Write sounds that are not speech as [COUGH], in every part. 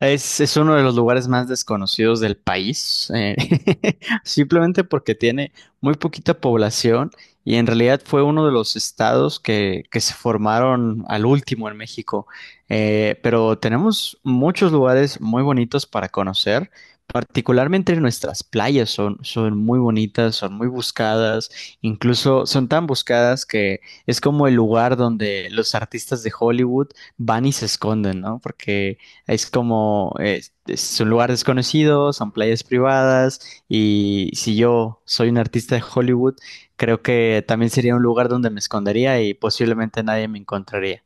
Es uno de los lugares más desconocidos del país, [LAUGHS] simplemente porque tiene muy poquita población y en realidad fue uno de los estados que se formaron al último en México. Pero tenemos muchos lugares muy bonitos para conocer, particularmente nuestras playas son muy bonitas, son muy buscadas, incluso son tan buscadas que es como el lugar donde los artistas de Hollywood van y se esconden, ¿no? Porque es como, es un lugar desconocido, son playas privadas y si yo soy un artista de Hollywood, creo que también sería un lugar donde me escondería y posiblemente nadie me encontraría.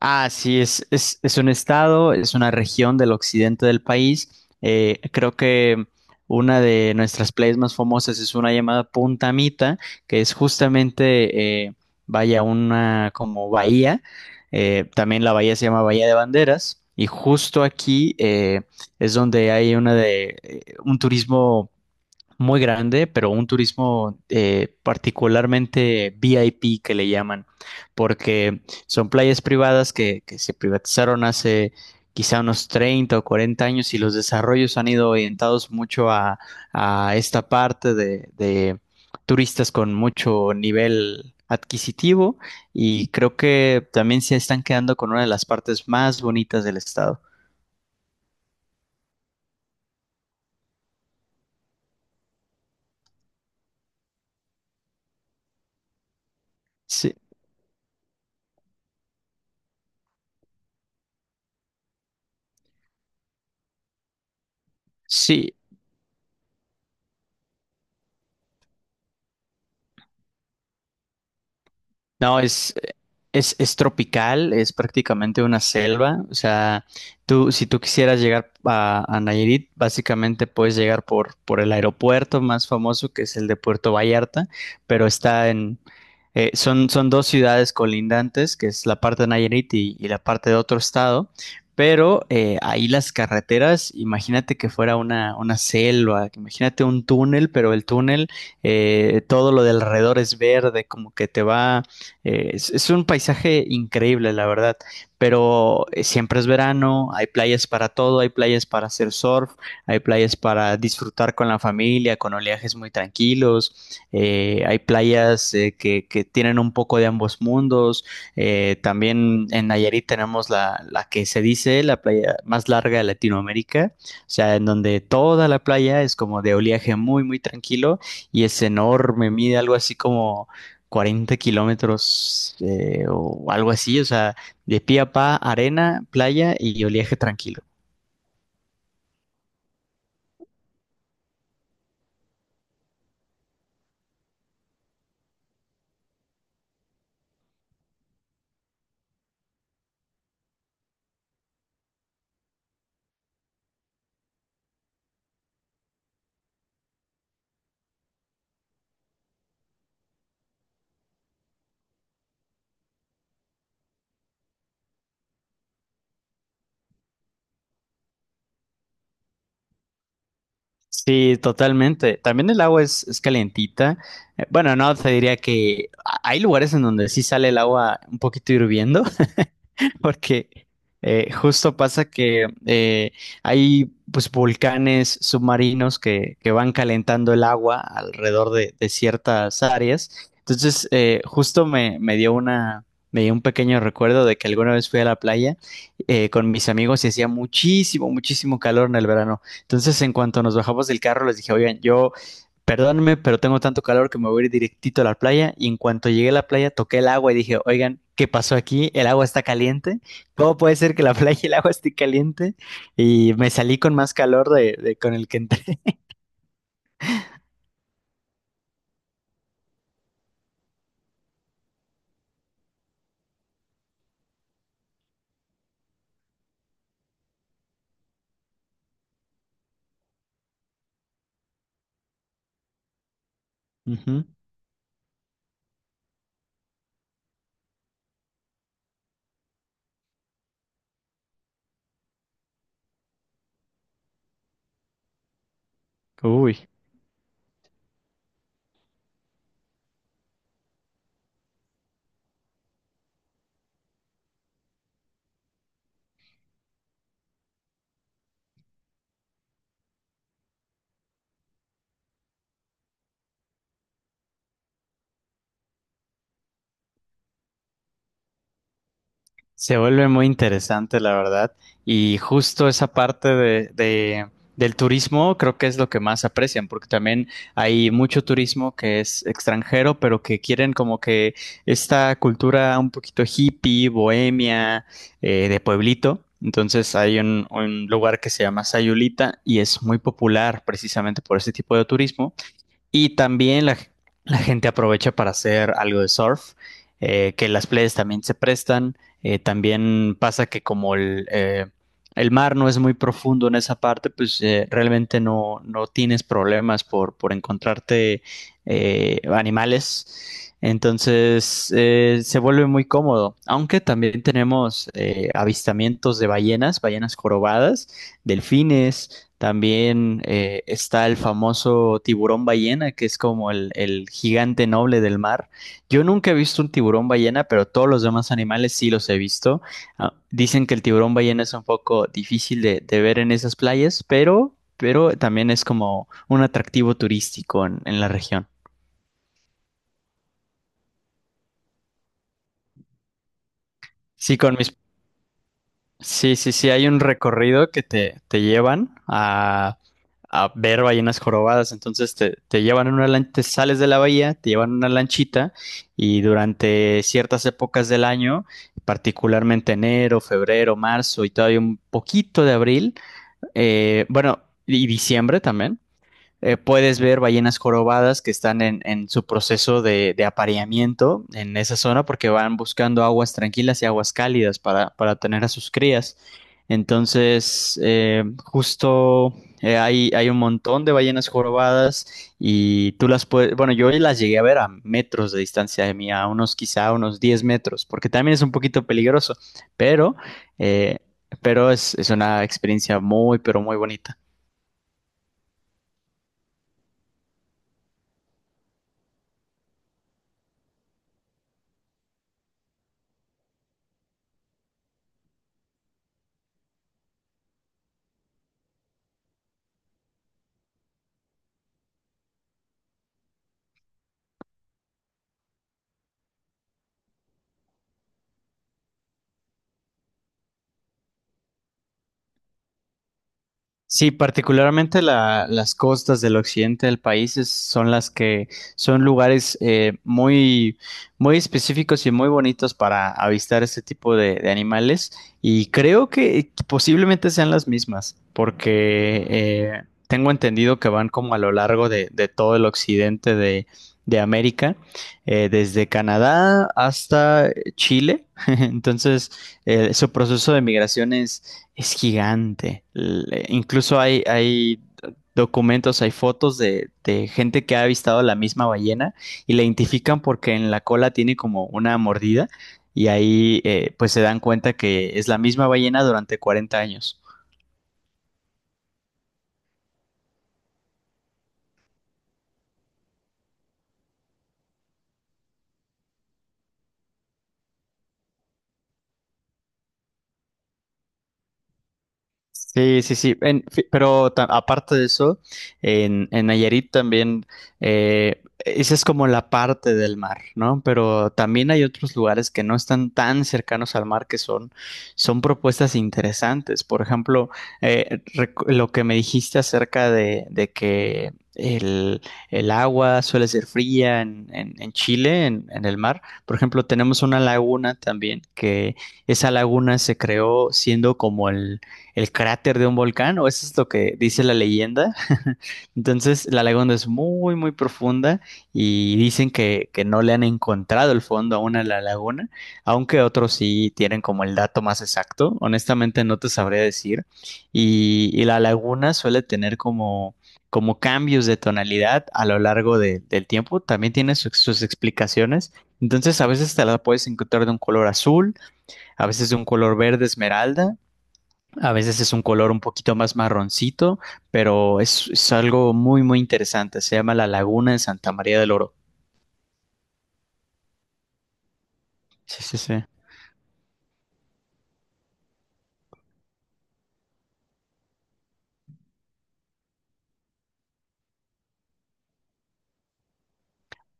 Ah, sí, es un estado, es una región del occidente del país. Creo que una de nuestras playas más famosas es una llamada Punta Mita, que es justamente, vaya, una como bahía. También la bahía se llama Bahía de Banderas. Y justo aquí es donde hay una de un turismo muy grande, pero un turismo particularmente VIP que le llaman, porque son playas privadas que se privatizaron hace quizá unos 30 o 40 años y los desarrollos han ido orientados mucho a esta parte de turistas con mucho nivel adquisitivo y creo que también se están quedando con una de las partes más bonitas del estado. Sí, sí. No, es tropical, es prácticamente una selva. O sea, tú, si tú quisieras llegar a Nayarit, básicamente puedes llegar por el aeropuerto más famoso, que es el de Puerto Vallarta, pero está en, son dos ciudades colindantes, que es la parte de Nayarit y la parte de otro estado, pero ahí las carreteras, imagínate que fuera una selva, que imagínate un túnel, pero el túnel, todo lo de alrededor es verde, como que te va es un paisaje increíble, la verdad, pero siempre es verano, hay playas para todo, hay playas para hacer surf, hay playas para disfrutar con la familia, con oleajes muy tranquilos, hay playas que tienen un poco de ambos mundos. También en Nayarit tenemos la, la que se dice la playa más larga de Latinoamérica, o sea, en donde toda la playa es como de oleaje muy, muy tranquilo y es enorme, mide algo así como 40 kilómetros o algo así, o sea, de pie a pa, arena, playa y oleaje tranquilo. Sí, totalmente. También el agua es calentita. Bueno, no, te diría que a- hay lugares en donde sí sale el agua un poquito hirviendo, [LAUGHS] [LAUGHS] porque justo pasa que hay pues volcanes submarinos que van calentando el agua alrededor de ciertas áreas. Entonces, justo me dio una, me dio un pequeño recuerdo de que alguna vez fui a la playa con mis amigos y hacía muchísimo, muchísimo calor en el verano. Entonces, en cuanto nos bajamos del carro, les dije, oigan, yo perdónenme, pero tengo tanto calor que me voy a ir directito a la playa y en cuanto llegué a la playa toqué el agua y dije, oigan, ¿qué pasó aquí? El agua está caliente. ¿Cómo puede ser que la [LAUGHS] playa y el agua esté caliente? Y me salí con más calor de- con el que entré. Ujú. Uy. Se vuelve muy interesante, la verdad. Y justo esa parte de- del turismo creo que es lo que más aprecian, porque también hay mucho turismo que es extranjero, pero que quieren como que esta cultura un poquito hippie, bohemia, de pueblito. Entonces hay un lugar que se llama Sayulita y es muy popular precisamente por ese tipo de turismo. Y también la gente aprovecha para hacer algo de surf, que las playas también se prestan. También pasa que como el mar no es muy profundo en esa parte, pues realmente no, no tienes problemas por encontrarte animales. Entonces se vuelve muy cómodo, aunque también tenemos avistamientos de ballenas, ballenas jorobadas, delfines, también está el famoso tiburón ballena, que es como el gigante noble del mar. Yo nunca he visto un tiburón ballena, pero todos los demás animales sí los he visto. Ah, dicen que el tiburón ballena es un poco difícil de ver en esas playas, pero también es como un atractivo turístico en la región. Sí, con mis sí, sí, sí, hay un recorrido que te llevan a ver ballenas jorobadas. Entonces te llevan en una lancha, te sales de la bahía, te llevan en una lanchita y durante ciertas épocas del año, particularmente enero, febrero, marzo y todavía un poquito de abril, bueno, y diciembre también, puedes ver ballenas jorobadas que están en su proceso de apareamiento en esa zona porque van buscando aguas tranquilas y aguas cálidas para tener a sus crías. Entonces, un montón de ballenas jorobadas y tú las puedes, bueno, yo las llegué a ver a metros de distancia de mí, a unos quizá unos 10 metros, porque también es un poquito peligroso, pero, eh, pero es una experiencia muy, pero muy bonita. Sí, particularmente la- las costas del occidente del país es- son las que son lugares muy, muy específicos y muy bonitos para avistar este tipo de animales y creo que posiblemente sean las mismas porque tengo entendido que van como a lo largo de todo el occidente de América, desde Canadá hasta Chile. [LAUGHS] Entonces, su proceso de migración es gigante. Le- incluso hay, hay documentos, hay fotos de gente que ha avistado la misma ballena y la identifican porque en la cola tiene como una mordida y ahí pues se dan cuenta que es la misma ballena durante 40 años. Sí, sí, sí. En fi- pero ta- aparte de eso, en Nayarit también, esa es como la parte del mar, ¿no? Pero también hay otros lugares que no están tan cercanos al mar que son, son propuestas interesantes. Por ejemplo, recu- lo que me dijiste acerca de que el agua suele ser fría en Chile, en el mar. Por ejemplo, tenemos una laguna también que esa laguna se creó siendo como el cráter de un volcán, o eso es lo que dice la leyenda. [LAUGHS] Entonces, la laguna es muy, muy profunda y dicen que no le han encontrado el fondo aún a la laguna, aunque otros sí tienen como el dato más exacto. Honestamente, no te sabría decir. Y la laguna suele tener como como cambios de tonalidad a lo largo de- del tiempo, también tiene su- sus explicaciones. Entonces, a veces te la puedes encontrar de un color azul, a veces de un color verde esmeralda, a veces es un color un poquito más marroncito, pero es algo muy, muy interesante. Se llama la Laguna de Santa María del Oro. Sí, sí, sí.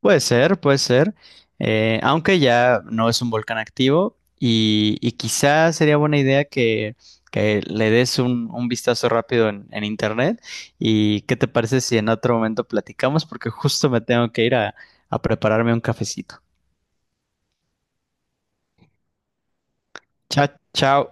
Puede ser, puede ser. Aunque ya no es un volcán activo y quizá sería buena idea que le des un vistazo rápido en internet. ¿Y qué te parece si en otro momento platicamos? Porque justo me tengo que ir a prepararme un cafecito. Chao, chao.